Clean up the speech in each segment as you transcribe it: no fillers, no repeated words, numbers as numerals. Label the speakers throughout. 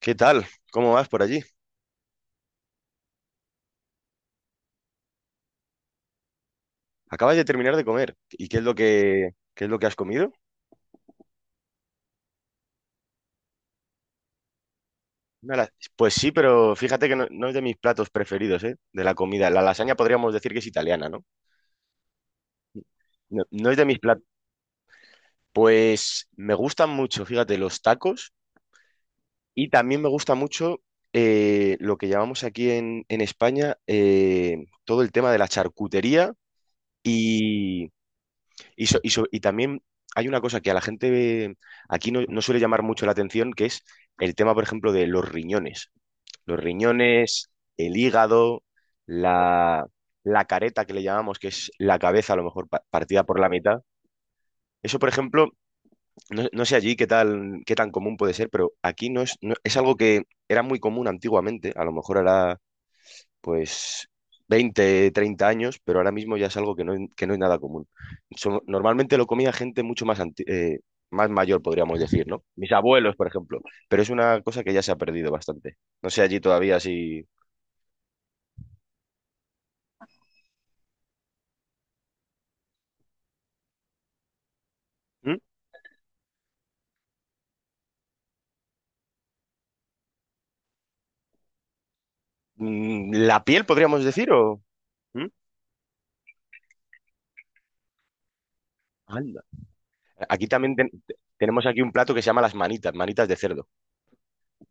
Speaker 1: ¿Qué tal? ¿Cómo vas por allí? Acabas de terminar de comer. ¿Y qué es lo que has comido? Una la- Pues sí, pero fíjate que no es de mis platos preferidos, ¿eh? De la comida. La lasaña podríamos decir que es italiana, ¿no? No, no es de mis platos. Pues me gustan mucho, fíjate, los tacos, y también me gusta mucho lo que llamamos aquí en España, todo el tema de la charcutería. Y también hay una cosa que a la gente aquí no suele llamar mucho la atención, que es el tema, por ejemplo, de los riñones. Los riñones, el hígado, la, la careta, que le llamamos, que es la cabeza a lo mejor partida por la mitad. Eso, por ejemplo, no sé allí qué tal, qué tan común puede ser, pero aquí no- es algo que era muy común antiguamente. A lo mejor ahora pues 20 30 años, pero ahora mismo ya es algo que no es nada común. So- normalmente lo comía gente mucho más, más mayor, podríamos decir, ¿no? Mis abuelos, por ejemplo, pero es una cosa que ya se ha perdido bastante. No sé allí todavía si... ¿Mm? ¿La piel, podríamos decir, o...? ¿Mm? Anda. Aquí también tenemos aquí un plato que se llama las manitas, manitas de cerdo,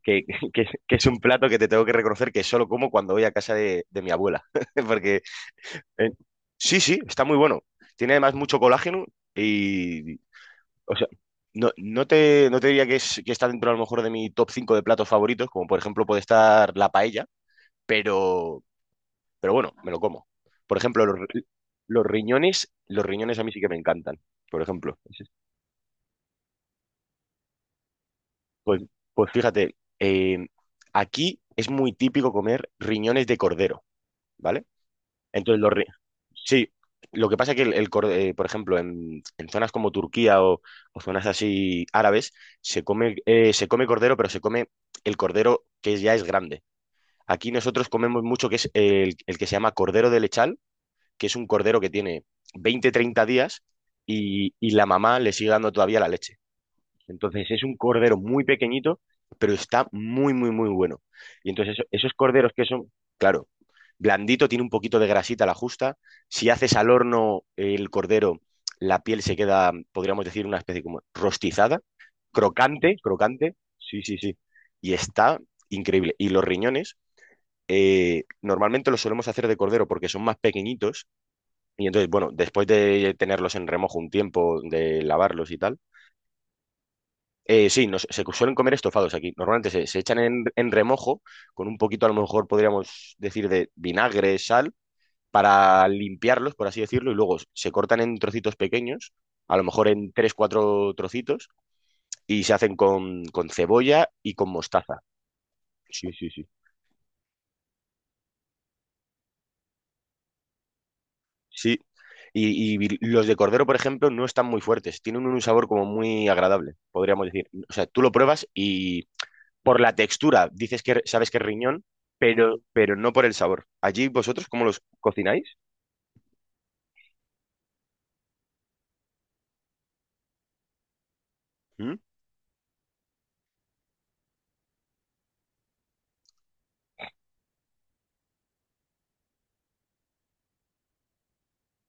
Speaker 1: que, que es un plato que te tengo que reconocer que solo como cuando voy a casa de mi abuela, porque Eh, sí, sí, está muy bueno. Tiene además mucho colágeno y, o sea, no te diría que, que está dentro a lo mejor de mi top 5 de platos favoritos, como por ejemplo puede estar la paella, pero, pero, bueno, me lo como. Por ejemplo, los riñones a mí sí que me encantan, por ejemplo. Pues, pues fíjate, aquí es muy típico comer riñones de cordero, ¿vale? Entonces, sí, lo que pasa es que por ejemplo, en zonas como Turquía o zonas así árabes, se come cordero, pero se come el cordero que ya es grande. Aquí nosotros comemos mucho que es el que se llama cordero de lechal, que es un cordero que tiene 20 30 días, y la mamá le sigue dando todavía la leche. Entonces es un cordero muy pequeñito, pero está muy, muy, muy bueno. Y entonces esos corderos que son, claro, blandito, tiene un poquito de grasita a la justa. Si haces al horno el cordero, la piel se queda, podríamos decir, una especie como rostizada, crocante, crocante. Sí, sí, sí. Y está increíble. Y los riñones, normalmente los solemos hacer de cordero porque son más pequeñitos. Y entonces, bueno, después de tenerlos en remojo un tiempo, de lavarlos y tal, sí, se suelen comer estofados aquí. Normalmente se echan en remojo con un poquito, a lo mejor podríamos decir, de vinagre, sal, para limpiarlos, por así decirlo, y luego se cortan en trocitos pequeños, a lo mejor en tres, cuatro trocitos, y se hacen con cebolla y con mostaza. Sí, sí, sí. Sí. Y los de cordero, por ejemplo, no están muy fuertes, tienen un sabor como muy agradable, podríamos decir. O sea, tú lo pruebas por la textura, dices que sabes que es riñón, pero, no por el sabor. Allí vosotros, ¿cómo los cocináis? ¿Mm?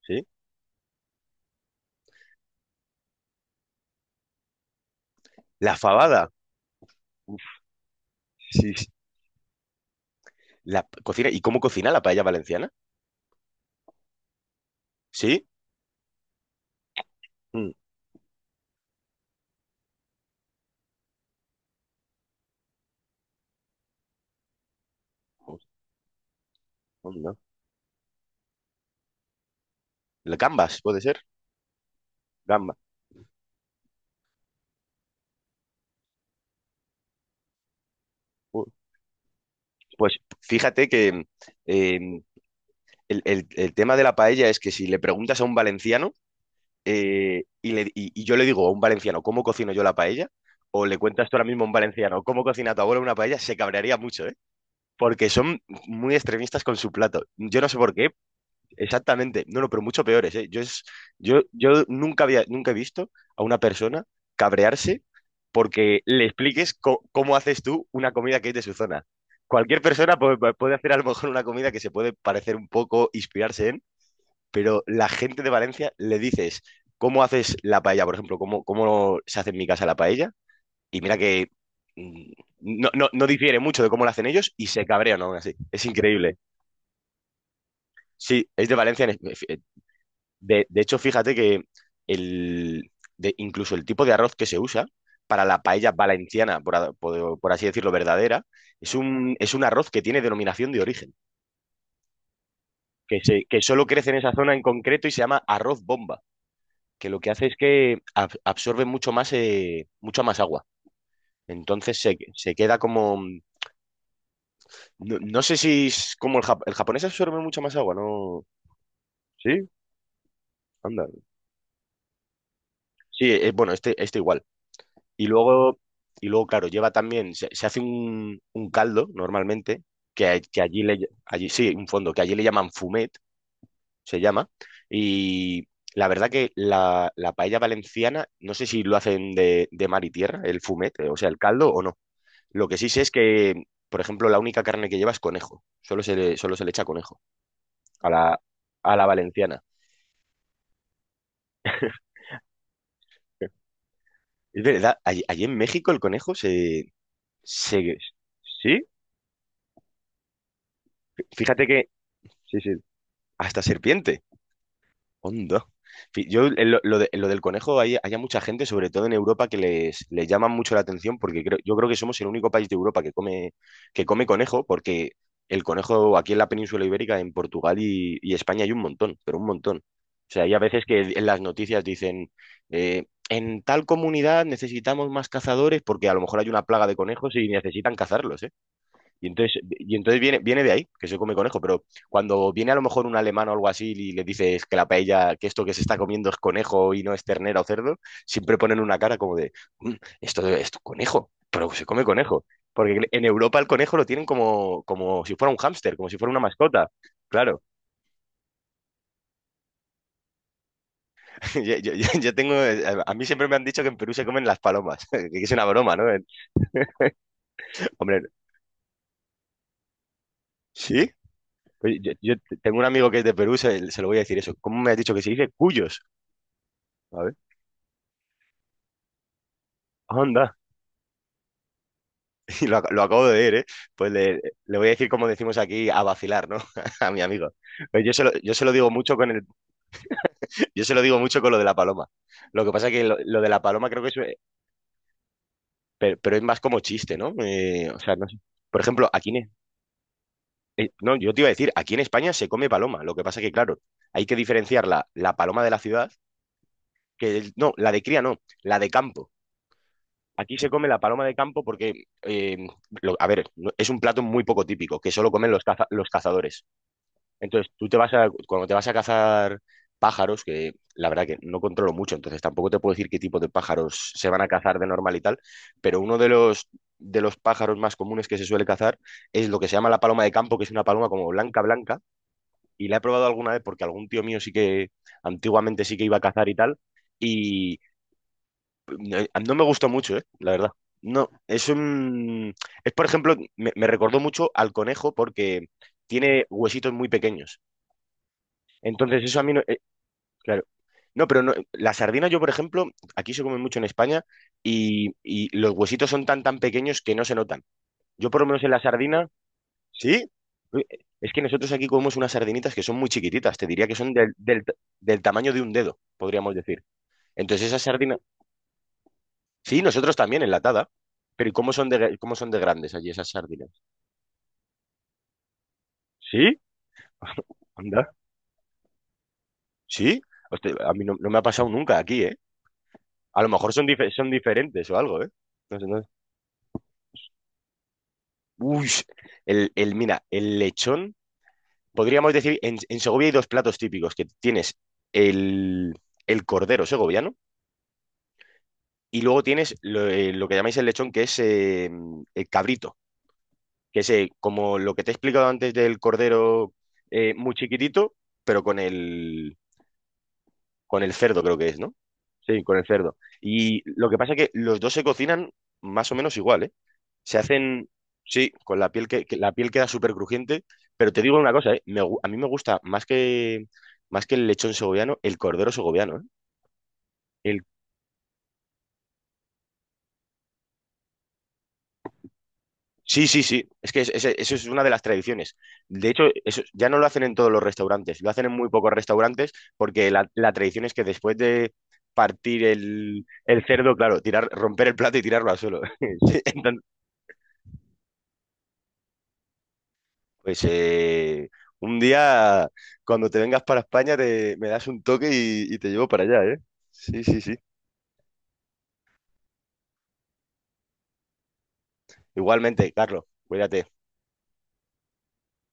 Speaker 1: ¿Sí? La fabada. Uf, sí, sí. Cocina. ¿Y cómo cocina la paella valenciana? ¿Sí? Mm. Uf, no. La gambas, puede ser. Gamba. Uh, Pues fíjate que, eh, el tema de la paella es que si le preguntas a un valenciano, y yo le digo a un valenciano, ¿cómo cocino yo la paella? O le cuentas tú ahora mismo a un valenciano, ¿cómo cocina tu abuela una paella? Se cabrearía mucho, ¿eh? Porque son muy extremistas con su plato. Yo no sé por qué, exactamente. No, no, pero mucho peores, ¿eh? Yo nunca he visto a una persona cabrearse porque le expliques cómo haces tú una comida que es de su zona. Cualquier persona puede hacer a lo mejor una comida que se puede parecer un poco, inspirarse en, pero la gente de Valencia le dices cómo haces la paella, por ejemplo, cómo se hace en mi casa la paella, y mira que, mm, no, no, no difiere mucho de cómo lo hacen ellos y se cabrean aún así. Es increíble. Sí, es de Valencia. En es- f- De hecho, fíjate que el, incluso el tipo de arroz que se usa para la paella valenciana, por así decirlo, verdadera, es un, arroz que tiene denominación de origen, que solo crece en esa zona en concreto, y se llama arroz bomba, que lo que hace es que absorbe mucho más, mucha más agua. Entonces se queda como... No, no sé si es como el japonés absorbe mucha más agua, ¿no? Sí, anda. Sí, bueno, este igual. Y luego, y luego claro, lleva también, se hace un caldo normalmente, que allí le, allí, sí, un fondo, que allí le llaman fumet, se llama. Y la verdad que la paella valenciana, no sé si lo hacen de mar y tierra, el fumet, o sea, el caldo o no. Lo que sí sé es que, por ejemplo, la única carne que lleva es conejo. Solo se le echa conejo a la valenciana. Es verdad, allí en México el conejo se... Sí, fíjate que... Sí, sí, hasta serpiente. Hondo. Fi- Yo, en lo, lo del conejo, hay a mucha gente, sobre todo en Europa, que les llama mucho la atención porque creo, yo creo que somos el único país de Europa que come, conejo, porque el conejo aquí en la península ibérica, en Portugal y España, hay un montón, pero un montón. O sea, hay a veces que en las noticias dicen, en tal comunidad necesitamos más cazadores porque a lo mejor hay una plaga de conejos y necesitan cazarlos, ¿eh? Y entonces viene de ahí, que se come conejo, pero cuando viene a lo mejor un alemán o algo así y le dices que la paella, que esto que se está comiendo es conejo y no es ternera o cerdo, siempre ponen una cara como de: "Mm, esto es conejo", pero se come conejo. Porque en Europa el conejo lo tienen como si fuera un hámster, como si fuera una mascota. Claro, yo tengo, a mí siempre me han dicho que en Perú se comen las palomas, que es una broma, ¿no? Hombre, ¿sí? Pues yo tengo un amigo que es de Perú, se lo voy a decir eso. ¿Cómo me has dicho que se dice? Cuyos. ¿Sabes? Onda, y lo acabo de ver, ¿eh? Pues le voy a decir, como decimos aquí, a vacilar, ¿no? A mi amigo. Pues yo se lo digo mucho con el, yo se lo digo mucho con lo de la paloma. Lo que pasa es que lo de la paloma creo que pero es más como chiste, ¿no? O sea, no sé. Por ejemplo, no, yo te iba a decir, aquí en España se come paloma. Lo que pasa es que, claro, hay que diferenciar la paloma de la ciudad, que no, la de cría no, la de campo. Aquí se come la paloma de campo porque, a ver, no- es un plato muy poco típico, que solo comen los cazadores. Entonces, tú te vas a, cuando te vas a cazar pájaros, que la verdad que no controlo mucho, entonces tampoco te puedo decir qué tipo de pájaros se van a cazar de normal y tal, pero uno de los pájaros más comunes que se suele cazar es lo que se llama la paloma de campo, que es una paloma como blanca, blanca, y la he probado alguna vez porque algún tío mío sí que antiguamente sí que iba a cazar y tal, y no, no me gustó mucho, la verdad. No, es un... Por ejemplo, me recordó mucho al conejo porque tiene huesitos muy pequeños. Entonces, eso a mí no- Claro. No, pero no, la sardina yo, por ejemplo, aquí se come mucho en España, y los huesitos son tan tan pequeños que no se notan. Yo por lo menos en la sardina, ¿sí? Uy, es que nosotros aquí comemos unas sardinitas que son muy chiquititas, te diría que son del, del tamaño de un dedo, podríamos decir. Entonces esas sardinas, sí, nosotros también enlatada, pero ¿y cómo son de grandes allí esas sardinas? ¿Sí? Anda. ¿Sí? Hostia, a mí no me ha pasado nunca aquí, ¿eh? A lo mejor son diferentes o algo, ¿eh? No sé, no. Uy, mira, el lechón, podríamos decir, en Segovia hay dos platos típicos: que tienes el, el cordero segoviano, y luego tienes lo que llamáis el lechón, que es, el cabrito, que es, como lo que te he explicado antes, del cordero, muy chiquitito, pero con el, con el cerdo creo que es, ¿no? Sí, con el cerdo. Y lo que pasa es que los dos se cocinan más o menos igual, ¿eh? Se hacen, sí, con la piel, que la piel queda súper crujiente, pero te digo una cosa, ¿eh? A mí me gusta más que, el lechón segoviano, el cordero segoviano, ¿eh? El, sí, sí, sí, es que eso es una de las tradiciones. De hecho, eso ya no lo hacen en todos los restaurantes, lo hacen en muy pocos restaurantes, porque la tradición es que después de partir el cerdo, claro, tirar, romper el plato y tirarlo al suelo. Sí, entonces, pues, un día, cuando te vengas para España, me das un toque, y te llevo para allá, ¿eh? Sí, sí, sí. Igualmente, Carlos, cuídate.